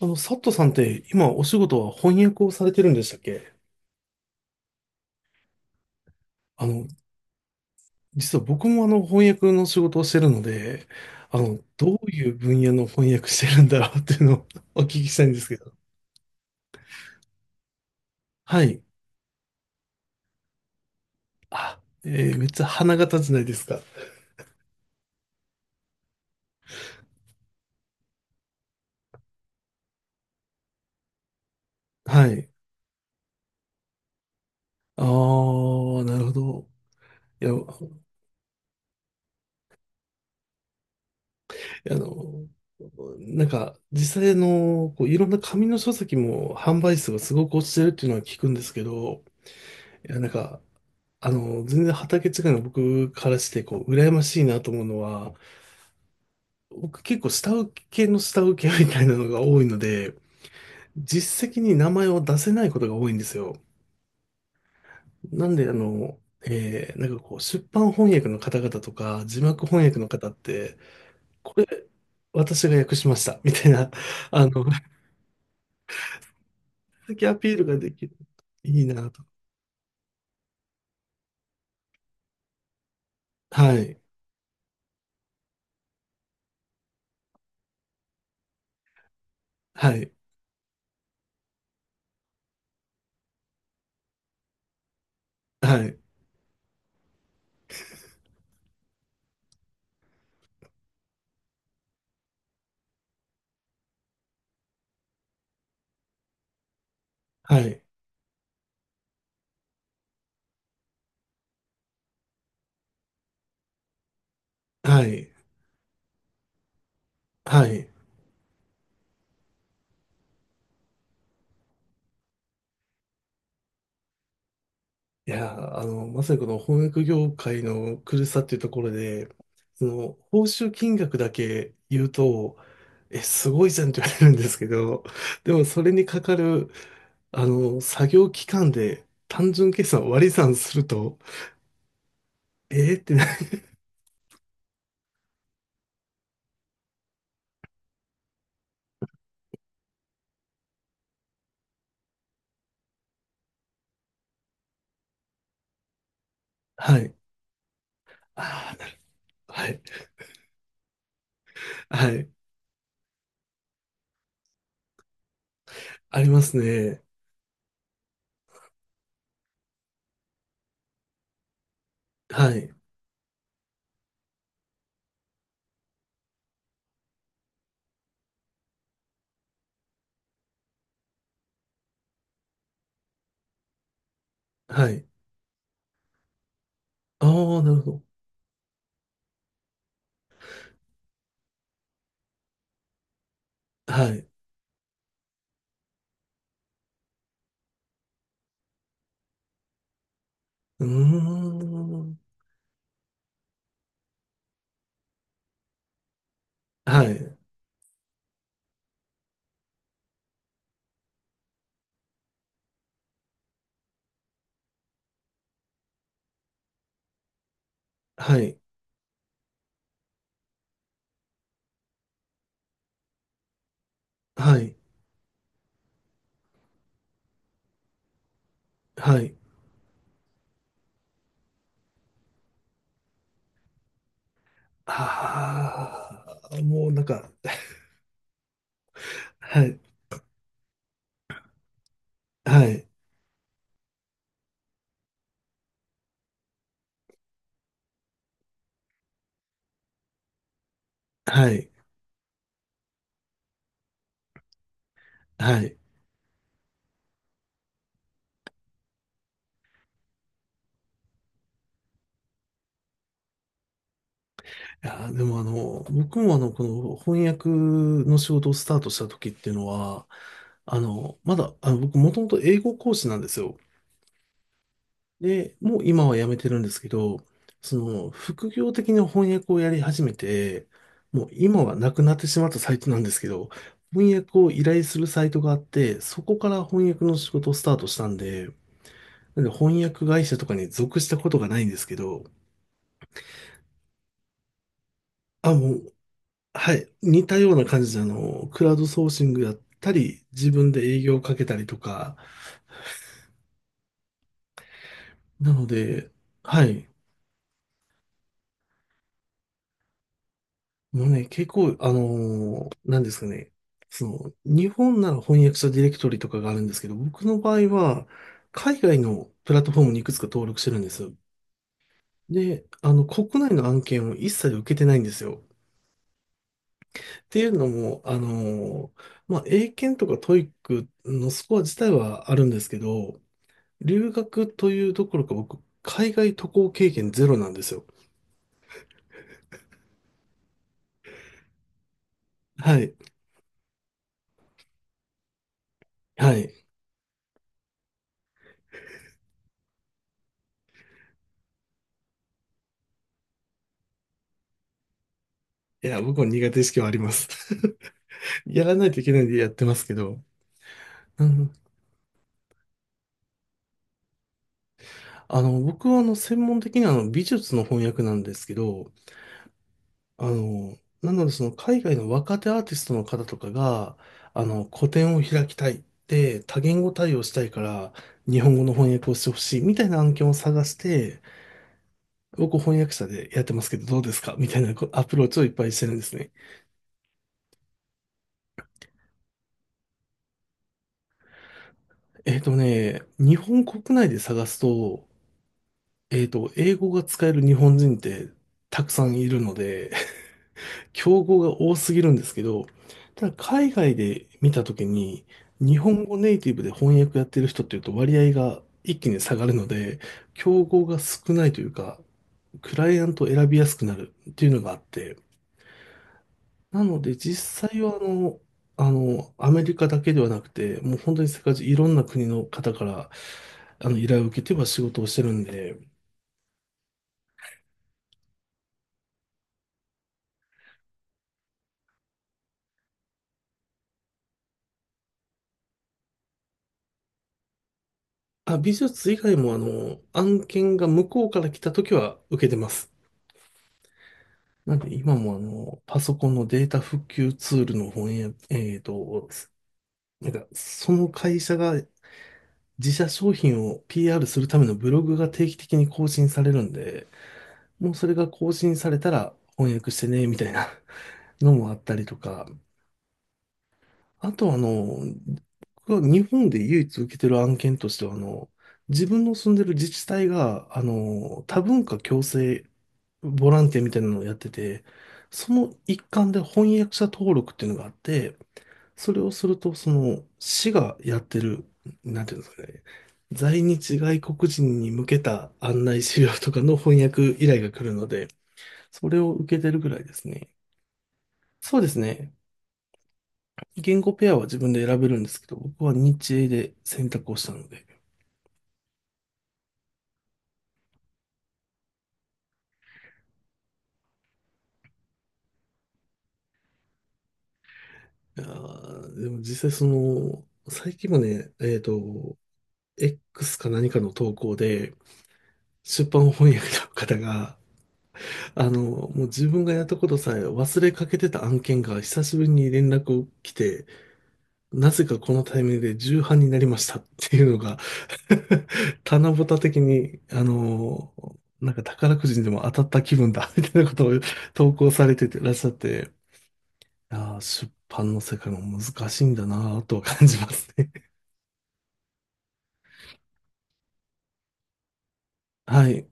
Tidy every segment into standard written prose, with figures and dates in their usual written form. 佐藤さんって今お仕事は翻訳をされてるんでしたっけ？あの、実は僕も翻訳の仕事をしてるので、どういう分野の翻訳してるんだろうっていうのを お聞きしたいんですけど。はい。あ、めっちゃ花形じゃないですか。はい。ああ、なるほど。いや、あの、なんか、実際の、こういろんな紙の書籍も販売数がすごく落ちてるっていうのは聞くんですけど、いや、なんか、全然畑違いの僕からして、こう、羨ましいなと思うのは、僕結構下請けの下請けみたいなのが多いので、実績に名前を出せないことが多いんですよ。なんで、なんかこう、出版翻訳の方々とか、字幕翻訳の方って、これ、私が訳しました、みたいな、あの、先アピールができる。いいなと。はい、はい、はい、はい、はい、はい。いや、まさにこの翻訳業界の苦しさっていうところで、その、報酬金額だけ言うと、え、すごいじゃんって言われるんですけど、でもそれにかかる、作業期間で単純計算を割り算すると、えーってな、はい。ああ、なるはい。はい。ありますね。はい。はい。ああ、なるほど。はい。うーん。はい。はい。はい。はい。ああ、もうなんか、はい、はい、はい、はい。いや、でも僕もこの翻訳の仕事をスタートした時っていうのは、まだ、僕もともと英語講師なんですよ。で、もう今は辞めてるんですけど、その、副業的な翻訳をやり始めて、もう今はなくなってしまったサイトなんですけど、翻訳を依頼するサイトがあって、そこから翻訳の仕事をスタートしたんで、なんで翻訳会社とかに属したことがないんですけど、あ、もうはい、似たような感じで、クラウドソーシングやったり、自分で営業をかけたりとか、なので、はい、もうね、結構、なんですかね、その、日本なら翻訳者ディレクトリとかがあるんですけど、僕の場合は、海外のプラットフォームにいくつか登録してるんですよ。で、国内の案件を一切受けてないんですよ。っていうのも、まあ、英検とかトイックのスコア自体はあるんですけど、留学というところか僕、海外渡航経験ゼロなんですよ。はい。はい。いや、僕も苦手意識はあります。やらないといけないんでやってますけど。うん。僕は専門的に美術の翻訳なんですけど、あの、なのでその海外の若手アーティストの方とかが、個展を開きたいって、多言語対応したいから、日本語の翻訳をしてほしいみたいな案件を探して、僕翻訳者でやってますけどどうですかみたいなこアプローチをいっぱいしてるんですね。えっとね、日本国内で探すと、えっと、英語が使える日本人ってたくさんいるので、競合が多すぎるんですけど、ただ海外で見たときに、日本語ネイティブで翻訳やってる人っていうと割合が一気に下がるので、競合が少ないというか、クライアントを選びやすくなるっていうのがあって、なので実際はアメリカだけではなくて、もう本当に世界中いろんな国の方から、依頼を受けては仕事をしてるんで、あ、美術以外も案件が向こうから来た時は受けてます。なんで今もパソコンのデータ復旧ツールの翻訳、えっと、なんか、その会社が自社商品を PR するためのブログが定期的に更新されるんで、もうそれが更新されたら翻訳してね、みたいな。のもあったりとか、あと僕が日本で唯一受けてる案件としては、自分の住んでる自治体が、多文化共生ボランティアみたいなのをやってて、その一環で翻訳者登録っていうのがあって、それをすると、その、市がやってる、なんていうんですかね、在日外国人に向けた案内資料とかの翻訳依頼が来るので、それを受けてるぐらいですね。そうですね。言語ペアは自分で選べるんですけど、僕は日英で選択をしたので。いやーでも実際その、最近もね、えっと、X か何かの投稿で、出版翻訳の方が、もう自分がやったことさえ忘れかけてた案件が久しぶりに連絡を来て、なぜかこのタイミングで重版になりましたっていうのが 棚ぼた的に、なんか宝くじにでも当たった気分だみたいなことを投稿されててらっしゃって、いやー、出版の世界も難しいんだなぁとは感じますね。はい、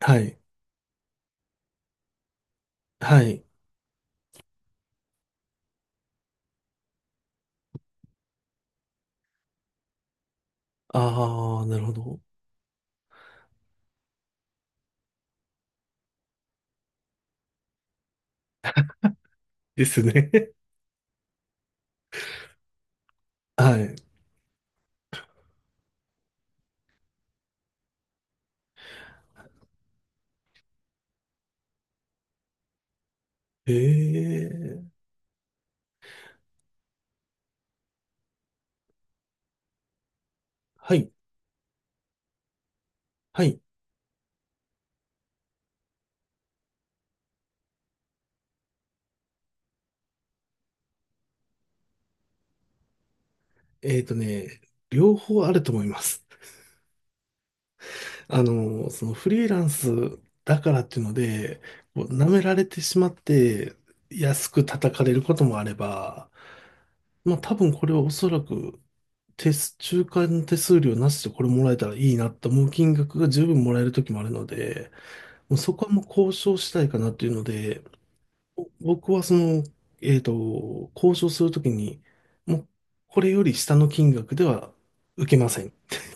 はい、はい。ああ、なるほど。ですね。はい。ええ、はい、はい。えっとね、両方あると思います。そのフリーランスだからっていうので、こう舐められてしまって安く叩かれることもあれば、まあ多分これはおそらく中間手数料なしでこれもらえたらいいなと思う金額が十分もらえる時もあるので、もうそこはもう交渉したいかなっていうので、僕はその、えっと、交渉するときに、もうこれより下の金額では受けません っ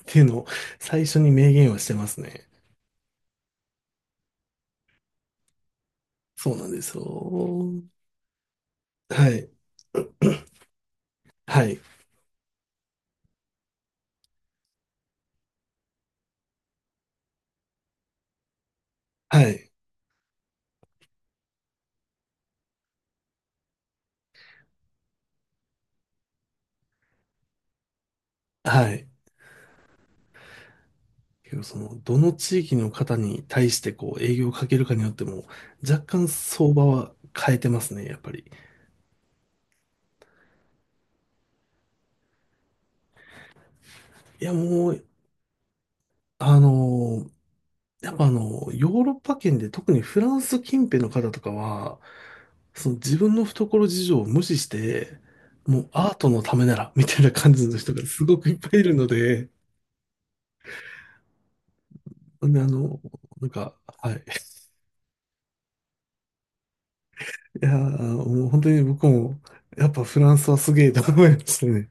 ていうのを最初に明言はしてますね。そうなんですよ。はい。はい。はい。はい。けど、その、どの地域の方に対してこう営業をかけるかによっても、若干相場は変えてますね、やっぱり。いや、もう、あのーやっぱヨーロッパ圏で特にフランス近辺の方とかは、その自分の懐事情を無視して、もうアートのためなら、みたいな感じの人がすごくいっぱいいるので、なんでなんか、はい。いやー、もう本当に僕も、やっぱフランスはすげえと思いましたね。